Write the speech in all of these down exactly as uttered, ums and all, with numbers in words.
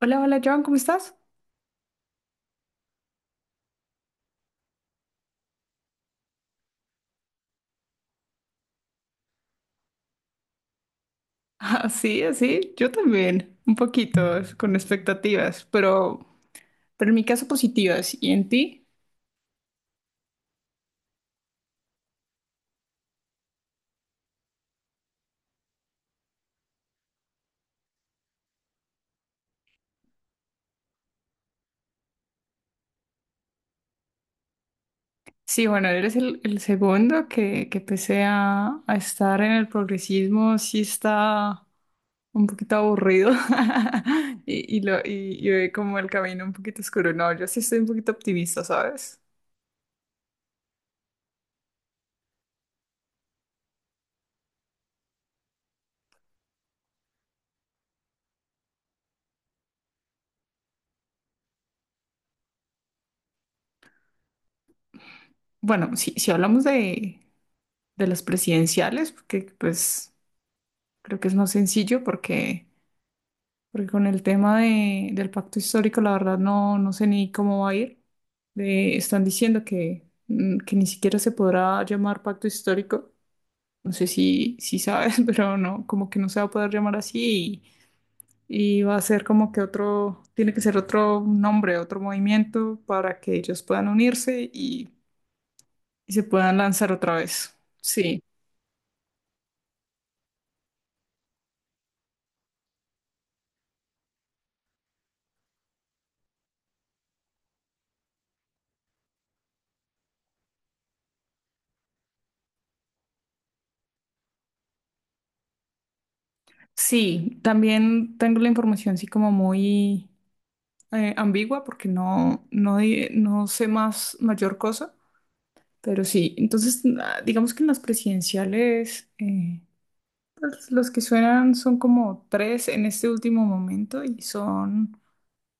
Hola, hola Joan, ¿cómo estás? Así, así, yo también, un poquito, es- con expectativas, pero, pero en mi caso positivas. ¿Y en ti? Sí, bueno, eres el, el segundo que, que pese a, a estar en el progresismo, sí está un poquito aburrido y, y, lo, y, y ve como el camino un poquito oscuro. No, yo sí estoy un poquito optimista, ¿sabes? Bueno, si, si hablamos de, de las presidenciales, porque pues creo que es más sencillo porque... Porque con el tema de- del pacto histórico, la verdad no, no sé ni cómo va a ir. De- están diciendo que, mm, que ni siquiera se podrá llamar pacto histórico. No sé si, si sabes, pero no, como que no se va a poder llamar así y, y va a ser como que otro, tiene que ser otro nombre, otro movimiento para que ellos puedan unirse y, y se puedan lanzar otra vez. Sí, sí, también tengo la información así como muy eh, ambigua porque no, no, di- no sé más mayor cosa, pero sí, entonces na- digamos que en las presidenciales eh, pues, los que suenan son como tres en este último momento y son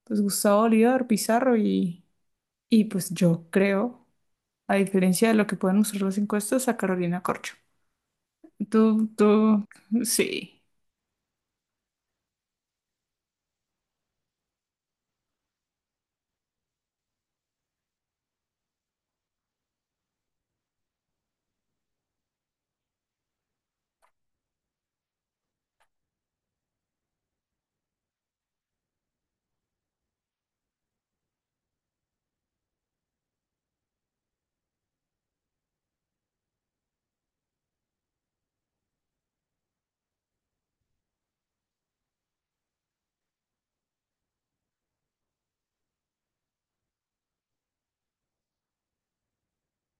pues Gustavo Bolívar, Pizarro y, y pues yo creo, a diferencia de lo que pueden mostrar las encuestas, a Carolina Corcho. Tú, tú, sí,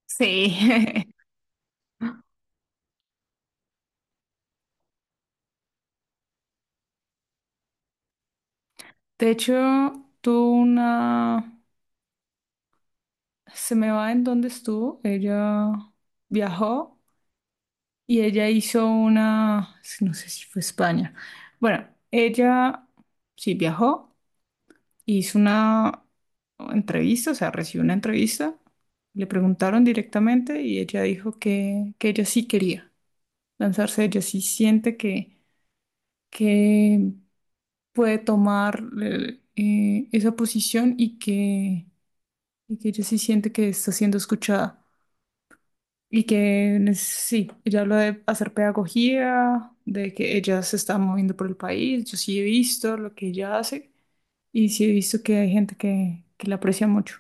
sí. De hecho, tuvo una... se me va en donde estuvo. Ella viajó y ella hizo una, es que no sé si fue España. Bueno, ella sí viajó, hizo una entrevista, o sea, recibió una entrevista. Le preguntaron directamente y ella dijo que, que ella sí quería lanzarse, ella sí siente que, que puede tomar eh, eh, esa posición y que, y que ella sí siente que está siendo escuchada. Y que neces- sí, ella habla de hacer pedagogía, de que ella se está moviendo por el país. Yo sí he visto lo que ella hace y sí he visto que hay gente que, que la aprecia mucho.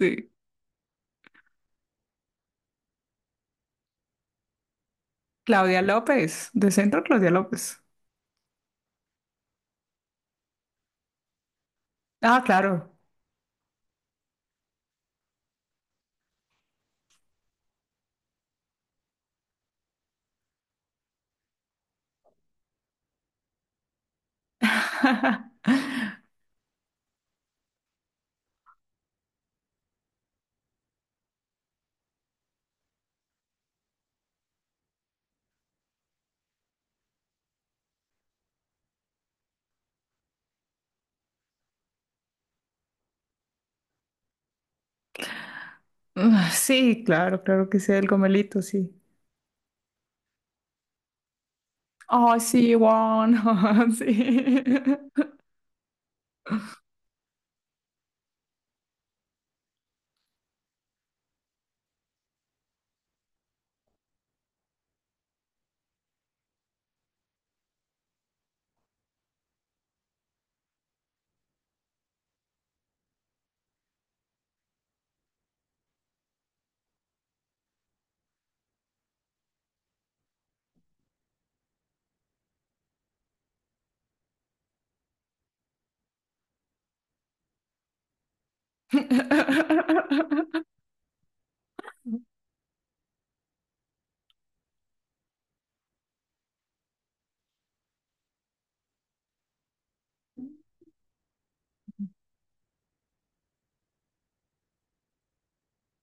Sí. Claudia López, de Centro Claudia López. Ah, claro. Ah, sí, claro, claro que sea el Gomelito, sí. Oh, sí, Juan, sí.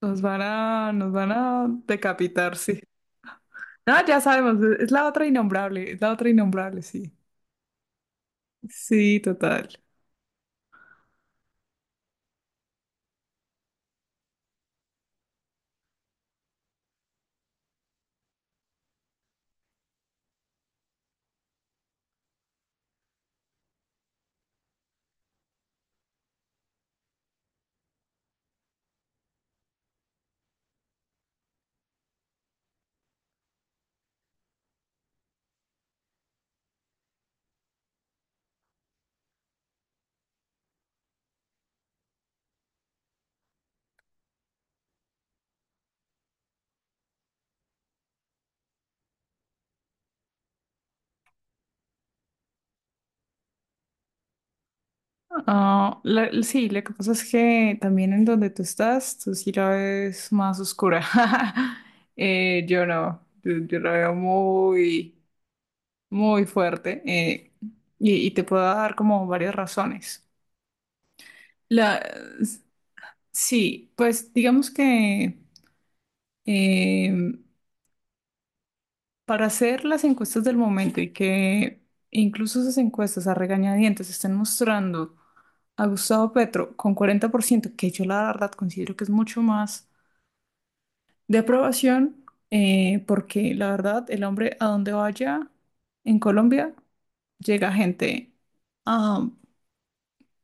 Nos van a, nos van a decapitar, sí. No, ya sabemos, e-, es la otra innombrable, es la otra innombrable, sí. Sí, total. Ah, la- sí, lo que pasa es que también en donde tú estás, tú sí la ves más oscura. Eh, yo no, yo, yo la veo muy, muy fuerte eh, y, y te puedo dar como varias razones. La, sí, pues digamos que em, para hacer las encuestas del momento y que incluso esas encuestas a regañadientes estén mostrando a Gustavo Petro con cuarenta por ciento, que yo la verdad considero que es mucho más de aprobación, eh, porque la verdad el hombre a donde vaya en Colombia llega gente a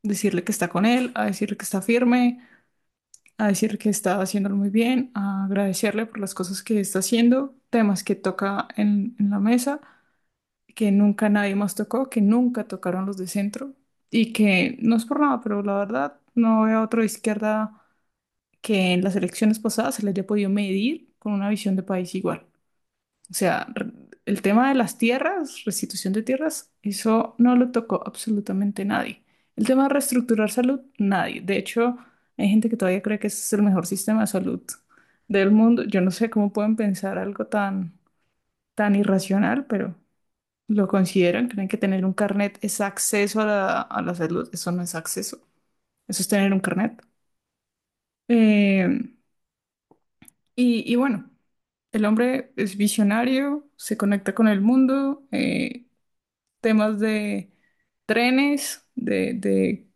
decirle que está con él, a decirle que está firme, a decir que está haciéndolo muy bien, a agradecerle por las cosas que está haciendo, temas que toca en en la mesa. Que nunca nadie más tocó, que nunca tocaron los de centro y que no es por nada, pero la verdad no veo a otro de izquierda que en las elecciones pasadas se le haya podido medir con una visión de país igual. O sea, re- el tema de las tierras, restitución de tierras, eso no lo tocó absolutamente nadie. El tema de reestructurar salud, nadie. De hecho, hay gente que todavía cree que ese es el mejor sistema de salud del mundo. Yo no sé cómo pueden pensar algo tan, tan irracional, pero... ¿Lo consideran? ¿Creen que tener un carnet es acceso a la, a la salud? Eso no es acceso, eso es tener un carnet. Eh, y, y bueno, el hombre es visionario, se conecta con el mundo, eh, temas de trenes, de, de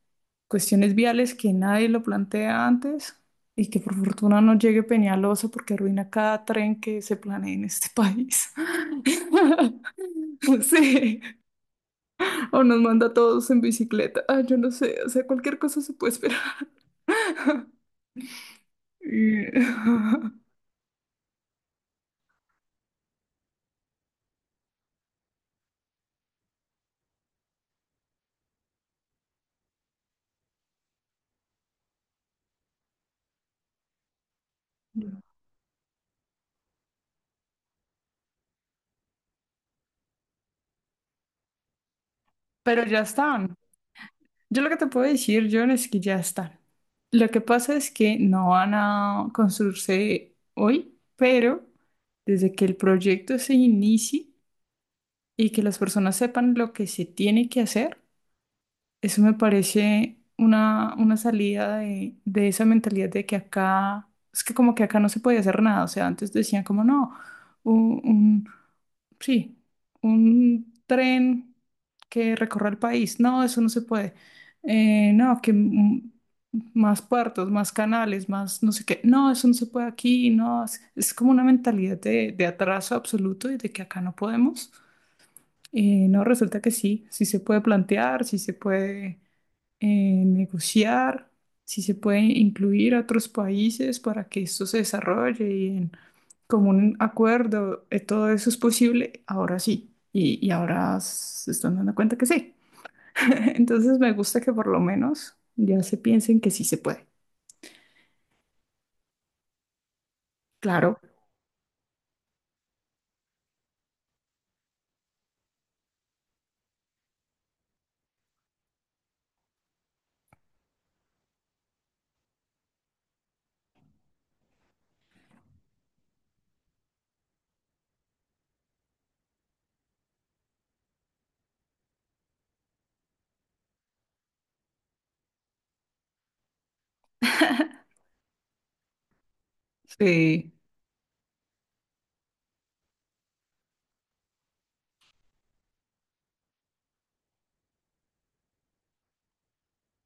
cuestiones viales que nadie lo plantea antes y que por fortuna no llegue Peñalosa porque arruina cada tren que se planee en este país. Sí. O nos manda a todos en bicicleta. Ah, yo no sé, o sea, cualquier cosa se puede esperar. Y- Pero ya están. Yo lo que te puedo decir, John, es que ya están. Lo que pasa es que no van a construirse hoy, pero desde que el proyecto se inicie y que las personas sepan lo que se tiene que hacer, eso me parece una, una salida de, de esa mentalidad de que acá, es que como que acá no se podía hacer nada. O sea, antes decían como no, un, sí, un tren que recorra el país. No, eso no se puede. Eh, no, que mm, más puertos, más canales, más no sé qué. No, eso no se puede aquí. No, es, es como una mentalidad de, de atraso absoluto y de que acá no podemos. Eh, no, resulta que sí, sí se puede plantear, sí se puede eh, negociar, sí se puede incluir a otros países para que esto se desarrolle como un acuerdo, eh, todo eso es posible, ahora sí. Y, y ahora se están dando cuenta que sí. Entonces me gusta que por lo menos ya se piensen que sí se puede. Claro, sí.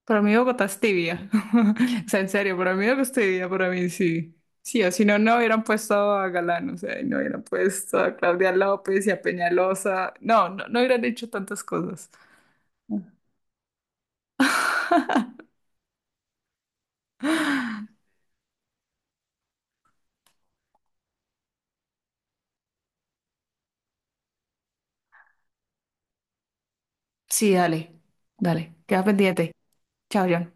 Para mí Bogotá es tibia. O sea, en serio, para mí Bogotá es tibia, para mí sí. Sí, o si no, no hubieran puesto a Galán, o sea, y no hubieran puesto a Claudia López y a Peñalosa. No, no, no hubieran hecho tantas cosas. Sí, dale, dale, queda pendiente. Chao, John.